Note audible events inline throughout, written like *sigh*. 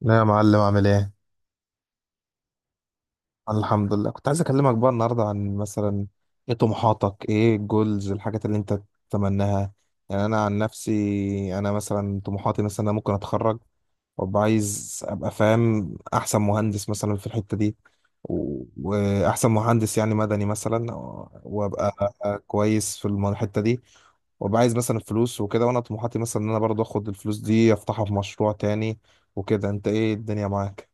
لا يا معلم عامل ايه؟ الحمد لله، كنت عايز اكلمك بقى النهارده عن مثلا ايه طموحاتك، ايه الجولز، الحاجات اللي انت تتمناها. يعني انا عن نفسي انا مثلا طموحاتي، مثلا انا ممكن اتخرج وابقى عايز ابقى فاهم احسن مهندس مثلا في الحتة دي، واحسن مهندس يعني مدني مثلا. وابقى كويس في الحتة دي، وابقى عايز مثلا فلوس وكده. وانا طموحاتي مثلا ان انا برضه اخد الفلوس دي افتحها في مشروع تاني وكده. انت ايه الدنيا معاك؟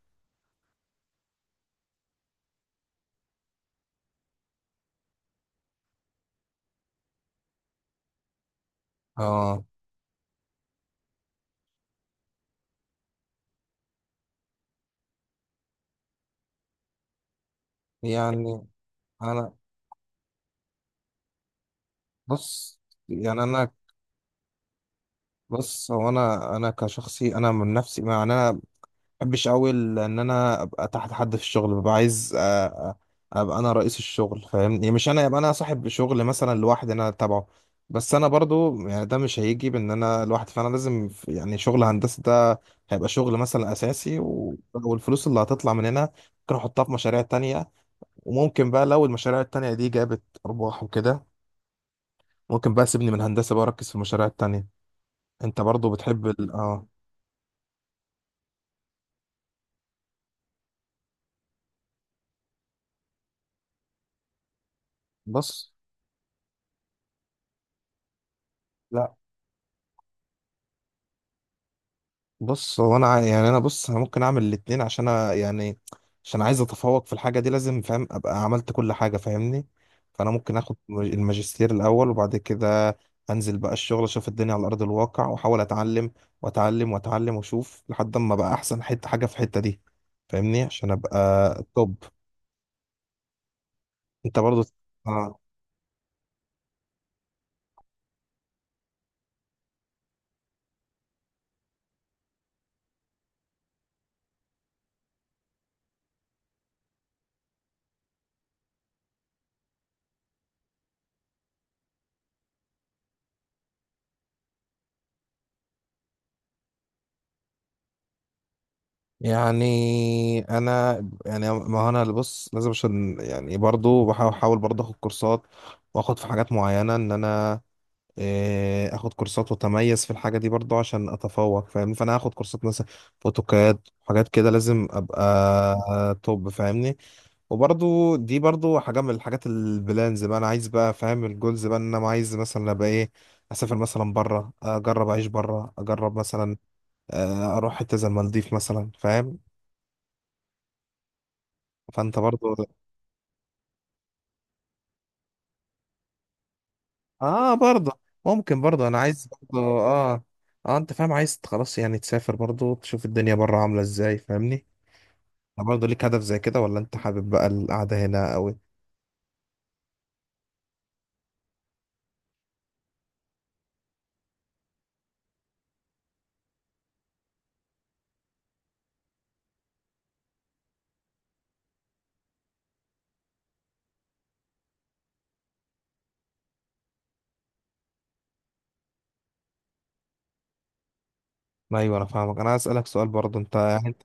اه، يعني انا بص، يعني انا بص، هو انا كشخصي، انا من نفسي ما يعني انا ما بحبش قوي ان انا ابقى تحت حد في الشغل. ببقى عايز أ- ابقى انا رئيس الشغل فاهمني، مش انا ابقى انا صاحب شغل مثلا لوحدي انا تبعه. بس انا برضو يعني ده مش هيجي بان انا لوحدي، فانا لازم يعني شغل هندسه ده هيبقى شغل مثلا اساسي، والفلوس اللي هتطلع من هنا ممكن احطها في مشاريع تانية. وممكن بقى لو المشاريع التانية دي جابت ارباح وكده، ممكن بقى سيبني من الهندسة بقى، أركز في المشاريع التانية. أنت برضو بتحب ال. بص، لا بص، هو أنا يعني أنا بص، أنا ممكن أعمل الاتنين عشان أنا يعني عشان عايز أتفوق في الحاجة دي، لازم فاهم أبقى عملت كل حاجة فاهمني. فأنا ممكن آخد الماجستير الأول، وبعد كده أنزل بقى الشغل، أشوف الدنيا على أرض الواقع وأحاول أتعلم وأتعلم وأتعلم، وأشوف لحد ما بقى أحسن حتة حاجة في الحتة دي فاهمني، عشان أبقى توب. أنت برضو آه يعني انا، يعني ما هو انا اللي بص، لازم عشان يعني برضو بحاول، برضو اخد كورسات واخد في حاجات معينه ان انا اخد كورسات واتميز في الحاجه دي برضو عشان اتفوق فاهمني. فانا هاخد كورسات مثلا فوتوكاد، حاجات كده لازم ابقى توب فاهمني. وبرضو دي برضو حاجه من الحاجات البلانز بقى، انا عايز بقى فاهم الجولز بقى، ان انا عايز مثلا ابقى ايه، اسافر مثلا بره، اجرب اعيش بره، اجرب مثلا اروح حته زي المالديف مثلا فاهم. فانت برضو اه، برضو ممكن برضو انا عايز برضو اه اه انت فاهم، عايز خلاص يعني تسافر برضو تشوف الدنيا بره عاملة ازاي فاهمني. أنت برضو ليك هدف زي كده، ولا انت حابب بقى القعدة هنا قوي؟ ايوه انا فاهمك، انا عايز اسالك سؤال برضو. انت يعني انت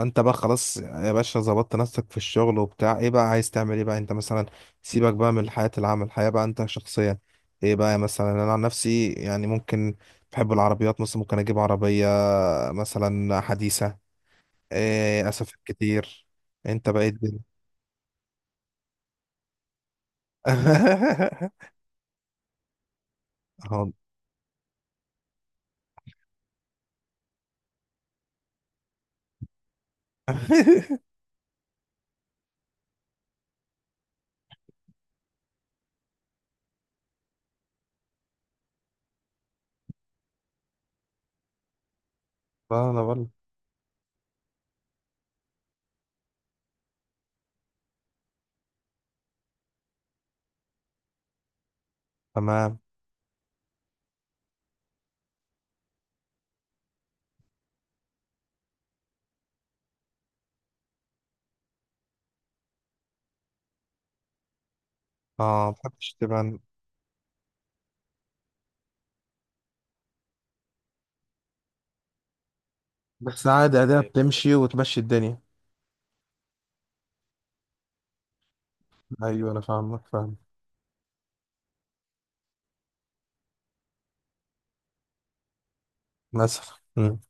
أنت بقى خلاص يا باشا ظبطت نفسك في الشغل وبتاع، ايه بقى عايز تعمل ايه بقى انت مثلا؟ سيبك بقى من حياة العمل، حياة بقى انت شخصيا ايه بقى؟ مثلا انا عن نفسي يعني ممكن بحب العربيات، مثلا ممكن اجيب عربية مثلا حديثة. إيه، أسف كتير. أنت بقيت دل. *laughs* أهو *laughs* أنا بقول. تمام. أه، ما بحبش تبان. بس عادي، أداة بتمشي وتمشي الدنيا. أيوه أنا فاهمك، فاهم. للأسف.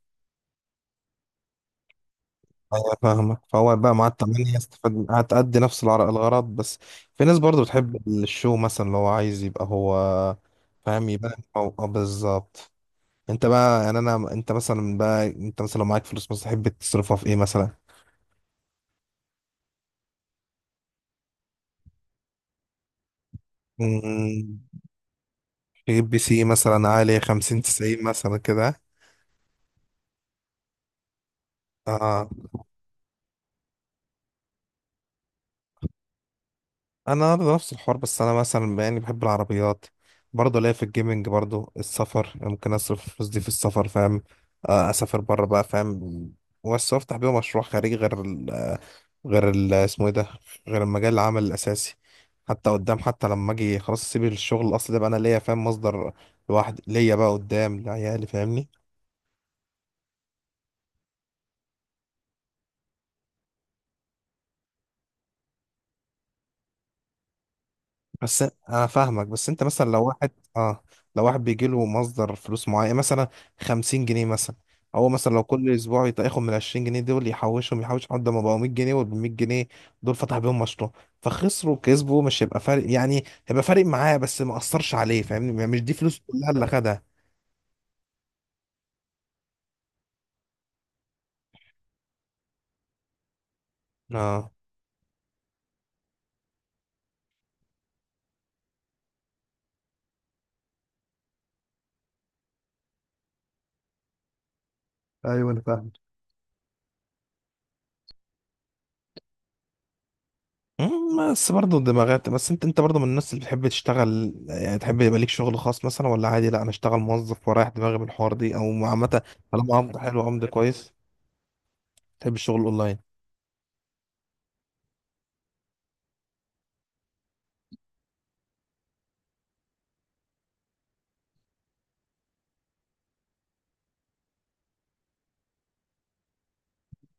أيوه فاهمك، فهو بقى مع التمانية استفاد، هتأدي نفس الغرض بس. في ناس برضو بتحب الشو، مثلا اللي هو عايز يبقى هو فاهم، يبان أو بالظبط. أنت بقى يعني، أنا أنت مثلا بقى، أنت مثلا لو معاك فلوس مثلا تحب تصرفها في إيه مثلا؟ مم. تجيب بي سي مثلا عالي، 50 90 مثلا كده؟ اه، انا برضه نفس الحوار، بس انا مثلا يعني بحب العربيات برضه، ليا في الجيمنج، برضه السفر ممكن اصرف الفلوس دي في السفر فاهم. آه، اسافر بره بقى فاهم. بس افتح بيه مشروع خارجي غير ال، غير ال اسمه ايه ده، غير المجال العمل الاساسي، حتى قدام. حتى لما اجي خلاص اسيب الشغل الاصلي ده بقى انا ليا فاهم مصدر لوحدي، ليا بقى قدام لعيالي فاهمني. بس انا فاهمك. بس انت مثلا لو واحد، اه لو واحد بيجي له مصدر فلوس معين مثلا 50 جنيه مثلا، هو مثلا لو كل اسبوع ياخد من 20 جنيه دول يحوشهم، يحوش لحد ما بقوا 100 جنيه، وال 100 جنيه دول فتح بيهم مشروع، فخسروا كسبوا مش هيبقى فارق، يعني هيبقى فارق معاه بس ما اثرش عليه فاهمني، يعني مش دي فلوس كلها اللي خدها. اه، ايوه انا فاهم. مم، بس برضه دماغات. بس انت برضه من الناس اللي بتحب تشتغل، يعني تحب يبقى ليك شغل خاص مثلا، ولا عادي، لا انا اشتغل موظف ورايح دماغي من الحوار دي، او عامه طالما قبض حلو قبض كويس؟ تحب الشغل اونلاين؟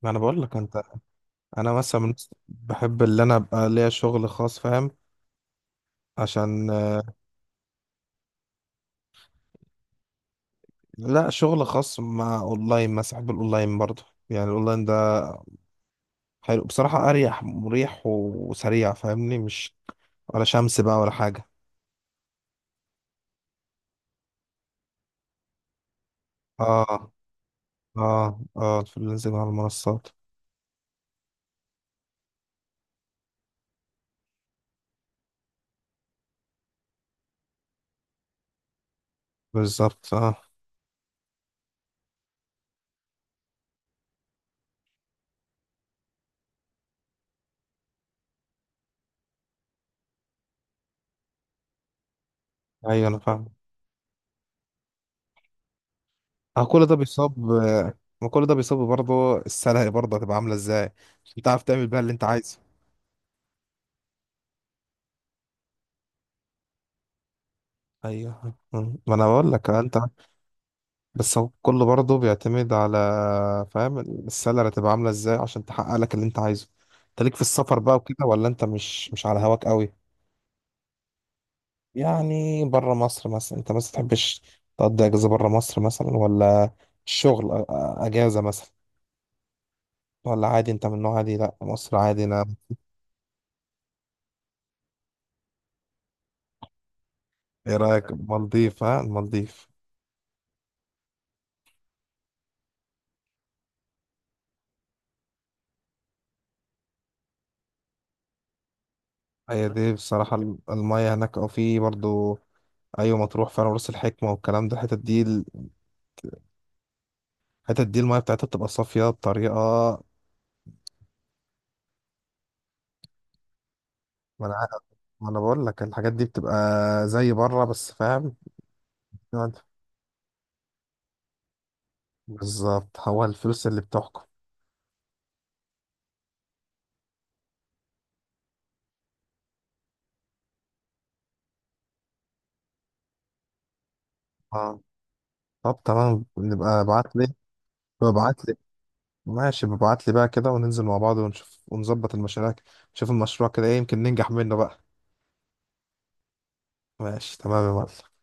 ما انا بقول لك، انت انا مثلا من الناس بحب اللي انا ابقى ليا شغل خاص فاهم، عشان آه، لا شغل خاص مع اونلاين مثلا، بحب الاونلاين برضه. يعني الاونلاين ده حلو بصراحه، اريح، مريح وسريع فاهمني، مش ولا شمس بقى ولا حاجه. اه اه اه، الفريلانسنج على المنصات. بالظبط اه. ايوه انا فاهم. اه، كل ده بيصاب، ما كل ده بيصاب برضه، السلع برضه هتبقى عامله ازاي عشان تعرف تعمل بقى اللي انت عايزه. ايوه، ما انا بقول لك انت. بس هو كله برضه بيعتمد على، فاهم السلع هتبقى عامله ازاي عشان تحقق لك اللي انت عايزه. انت ليك في السفر بقى وكده، ولا انت مش على هواك قوي؟ يعني بره مصر مثلا، انت مثلا تحبش تقضي اجازه بره مصر مثلا، ولا الشغل اجازه مثلا، ولا عادي؟ انت من نوع عادي، لا مصر عادي انا. ايه رأيك المالديف؟ ها، المالديف. هي دي بصراحة المية هناك او في برضو. ايوه مطروح، فعلا راس الحكمة والكلام ده، الحتت دي الحتت دي المية بتاعتها بتبقى صافية بطريقة. ما انا عا- ما انا بقول لك الحاجات دي بتبقى زي بره بس فاهم. بالظبط، هو الفلوس اللي بتحكم. اه طب تمام، نبقى ابعت لي. ابعت لي، ماشي، ببعت لي بقى كده، وننزل مع بعض ونشوف، ونظبط المشاريع، نشوف المشروع كده ايه، يمكن ننجح منه بقى. ماشي تمام يا معلم.